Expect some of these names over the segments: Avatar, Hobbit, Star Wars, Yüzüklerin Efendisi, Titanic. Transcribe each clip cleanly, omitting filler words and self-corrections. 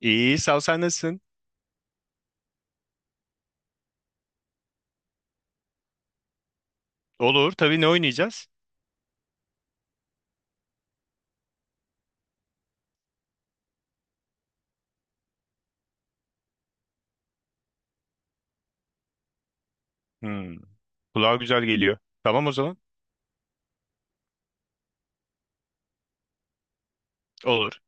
İyi, sağ ol, sen nasılsın? Olur, tabii ne oynayacağız? Hmm, kulağa güzel geliyor. Tamam o zaman. Olur.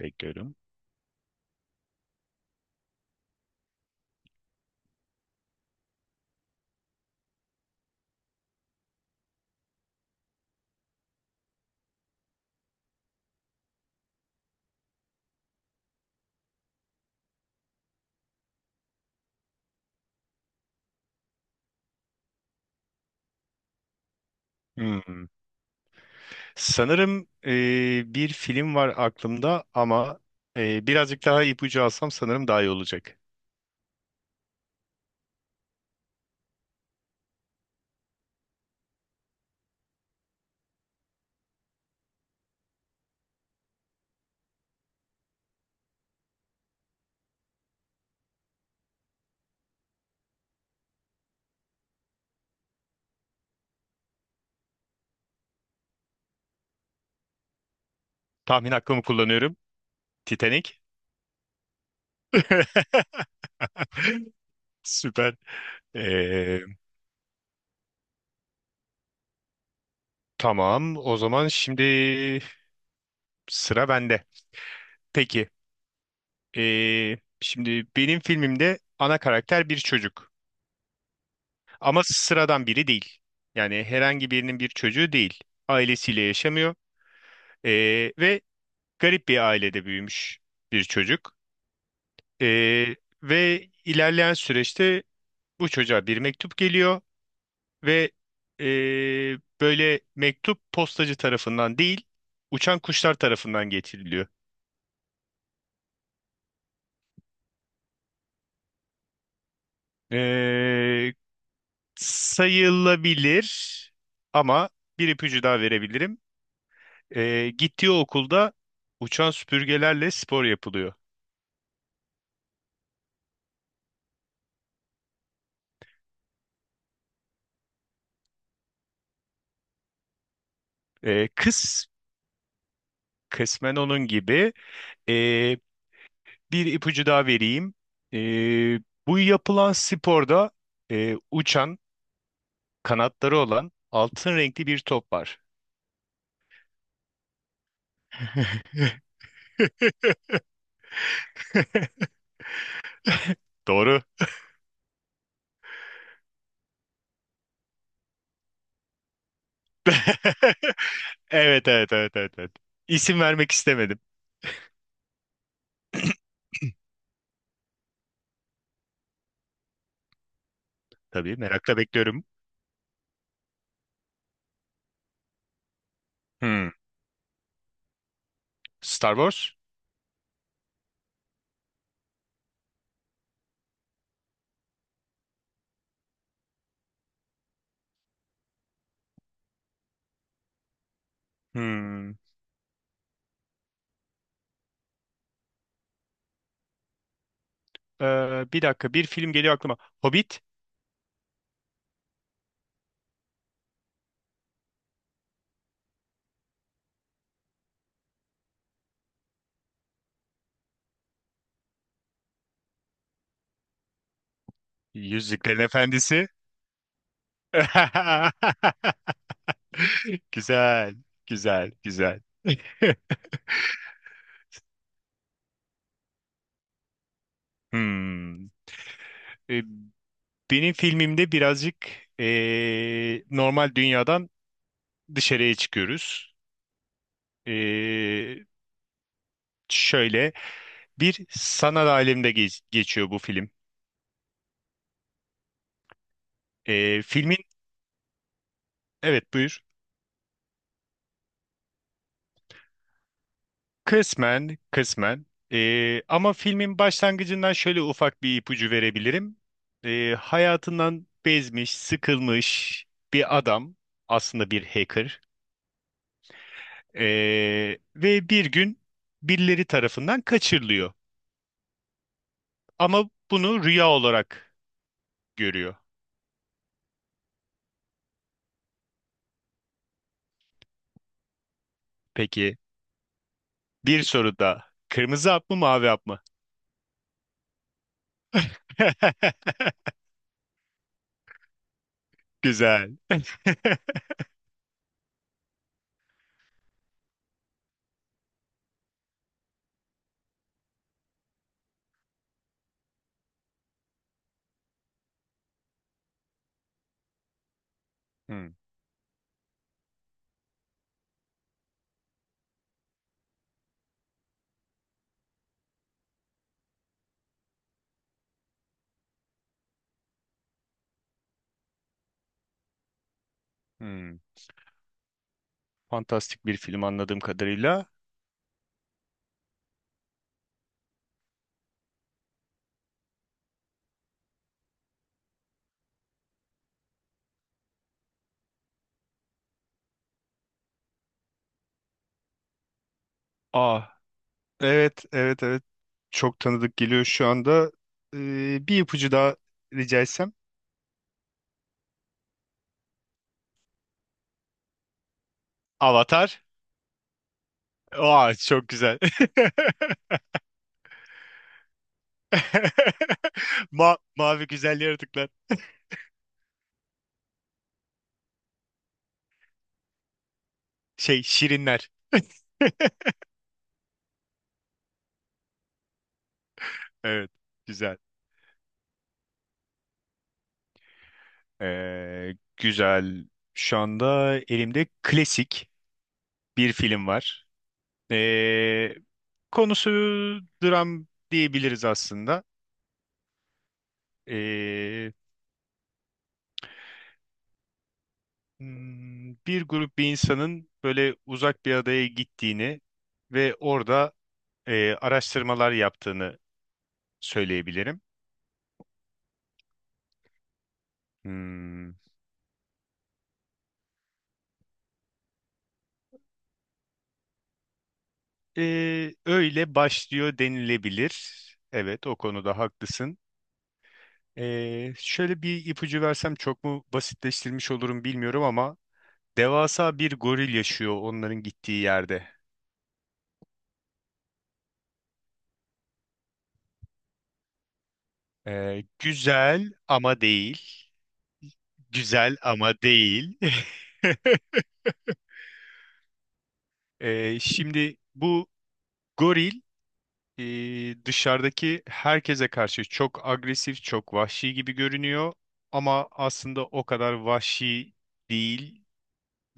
Bekliyorum. Hmm. Sanırım bir film var aklımda ama birazcık daha ipucu alsam sanırım daha iyi olacak. Tahmin hakkımı kullanıyorum. Titanic. Süper. E, tamam, o zaman şimdi sıra bende. Peki, şimdi benim filmimde ana karakter bir çocuk. Ama sıradan biri değil. Yani herhangi birinin bir çocuğu değil. Ailesiyle yaşamıyor. Ee, Ve garip bir ailede büyümüş bir çocuk. Ee, Ve ilerleyen süreçte bu çocuğa bir mektup geliyor ve böyle mektup postacı tarafından değil, uçan kuşlar tarafından getiriliyor. Ee, Sayılabilir ama bir ipucu daha verebilirim. Gittiği okulda uçan süpürgelerle spor yapılıyor. E, kıs, Kısmen onun gibi. E, Bir ipucu daha vereyim. E, Bu yapılan sporda uçan, kanatları olan altın renkli bir top var. Doğru. Evet, evet, evet, evet, evet. İsim vermek istemedim. Tabii merakla bekliyorum. Hmm. Star Wars? Hmm. Bir dakika bir film geliyor aklıma. Hobbit? Yüzüklerin Efendisi? Güzel, güzel, güzel. Hmm. E, Benim filmimde birazcık normal dünyadan dışarıya çıkıyoruz. E, Şöyle bir sanat aleminde geçiyor bu film. E, filmin Evet buyur. Kısmen, kısmen. Ama filmin başlangıcından şöyle ufak bir ipucu verebilirim. Hayatından bezmiş, sıkılmış bir adam, aslında bir hacker. Ve bir gün birileri tarafından kaçırılıyor. Ama bunu rüya olarak görüyor. Peki bir soru da kırmızı hap mı mavi hap mı? Güzel. Hmm, hmm. Fantastik bir film anladığım kadarıyla. Aa, evet, evet, evet. Çok tanıdık geliyor şu anda. Bir ipucu daha rica etsem. Avatar. Aa, çok güzel. Mavi güzel yaratıklar. Şey şirinler. Evet, güzel. Ee, güzel. Şu anda elimde klasik bir film var. Ee, Konusu dram diyebiliriz aslında. Ee, Bir grup bir insanın böyle uzak bir adaya gittiğini ve orada araştırmalar yaptığını söyleyebilirim. Hmm. Öyle başlıyor denilebilir. Evet, o konuda haklısın. Şöyle bir ipucu versem çok mu basitleştirmiş olurum bilmiyorum ama devasa bir goril yaşıyor onların gittiği yerde. Güzel ama değil. Güzel ama değil. Şimdi bu goril dışarıdaki herkese karşı çok agresif, çok vahşi gibi görünüyor ama aslında o kadar vahşi değil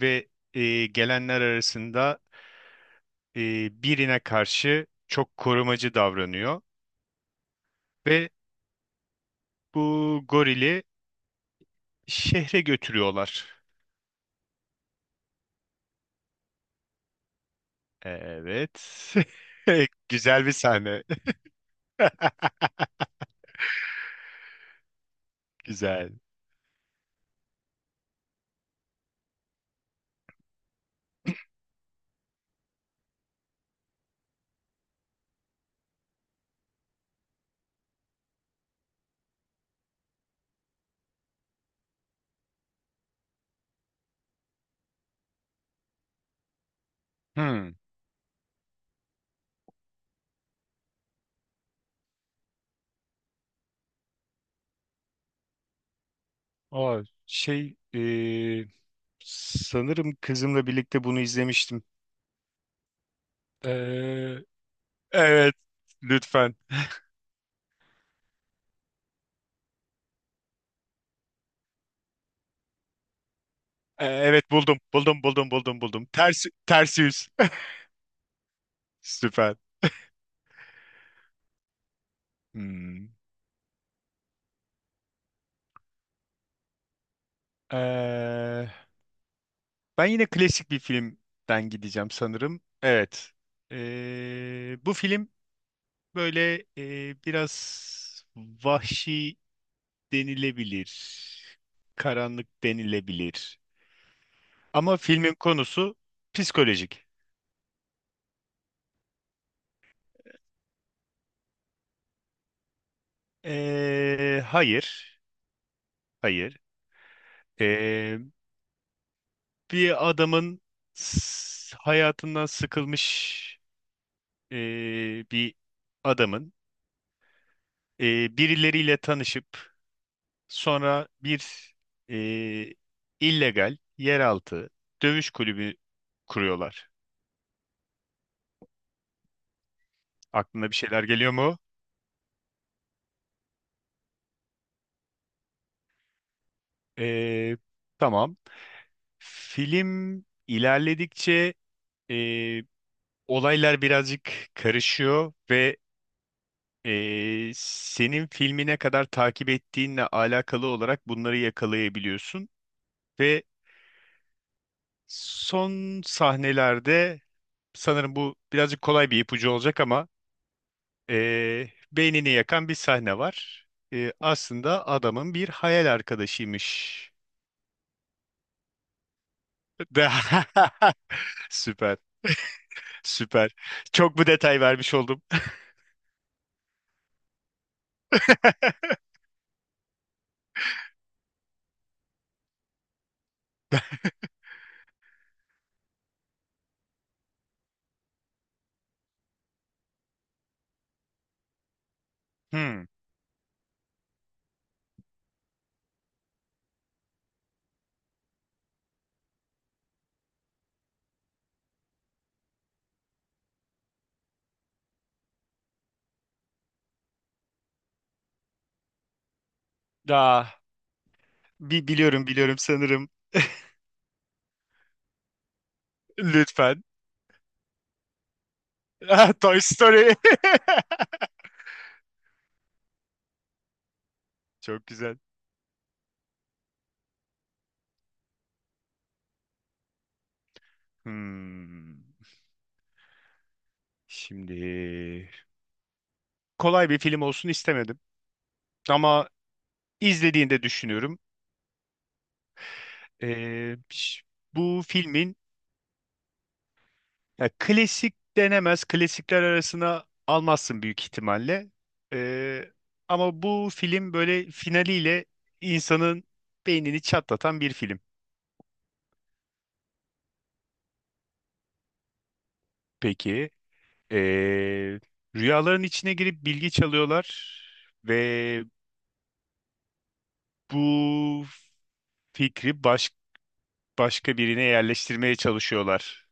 ve gelenler arasında birine karşı çok korumacı davranıyor ve bu gorili şehre götürüyorlar. Evet. Güzel bir sahne. Güzel. Hmm. Aa, sanırım kızımla birlikte bunu izlemiştim. Ee, evet lütfen. Evet, buldum buldum. Ters ters yüz. Süper. Hmm. Ee, Ben yine klasik bir filmden gideceğim sanırım. Evet. Bu film böyle biraz vahşi denilebilir, karanlık denilebilir. Ama filmin konusu psikolojik. Hayır, hayır. Ee, Bir adamın hayatından sıkılmış bir adamın, birileriyle tanışıp sonra bir e, illegal yeraltı dövüş kulübü kuruyorlar. Aklına bir şeyler geliyor mu? E, tamam. Film ilerledikçe e, olaylar birazcık karışıyor ve senin filmine kadar takip ettiğinle alakalı olarak bunları yakalayabiliyorsun ve son sahnelerde sanırım bu birazcık kolay bir ipucu olacak ama beynini yakan bir sahne var. Aslında adamın bir hayal arkadaşıymış. Süper, süper. Çok bu detay vermiş oldum. Hmm. Daha biliyorum biliyorum sanırım. Lütfen. Ah, Toy Story. Çok güzel. Hmm. Şimdi kolay bir film olsun istemedim. Ama izlediğinde düşünüyorum. Ş- bu filmin Ya klasik denemez. Klasikler arasına almazsın büyük ihtimalle. Ee, Ama bu film böyle finaliyle insanın beynini çatlatan bir film. Peki, ee, rüyaların içine girip bilgi çalıyorlar ve bu fikri başka birine yerleştirmeye çalışıyorlar.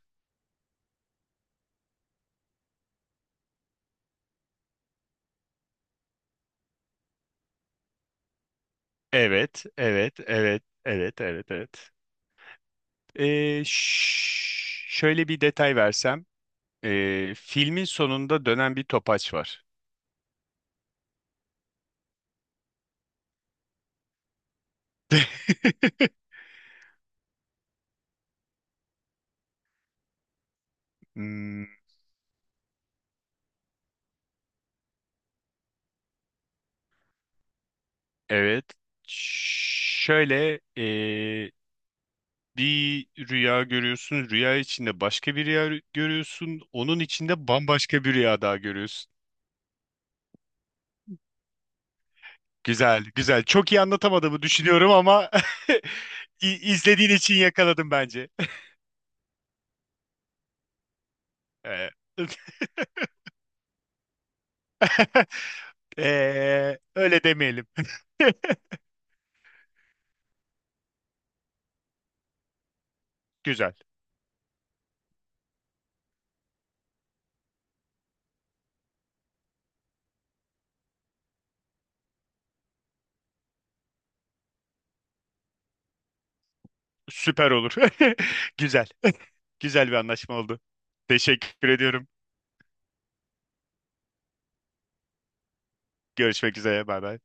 Evet, evet, evet, evet, evet, evet. Şöyle bir detay versem. Filmin sonunda dönen bir topaç var. Hmm, evet. Şöyle bir rüya görüyorsun. Rüya içinde başka bir rüya görüyorsun. Onun içinde bambaşka bir rüya daha görüyorsun. Güzel, güzel. Çok iyi anlatamadığımı düşünüyorum ama izlediğin için yakaladım bence. Ee, öyle demeyelim. Güzel. Süper olur. Güzel. Güzel bir anlaşma oldu. Teşekkür ediyorum. Görüşmek üzere. Bay bay.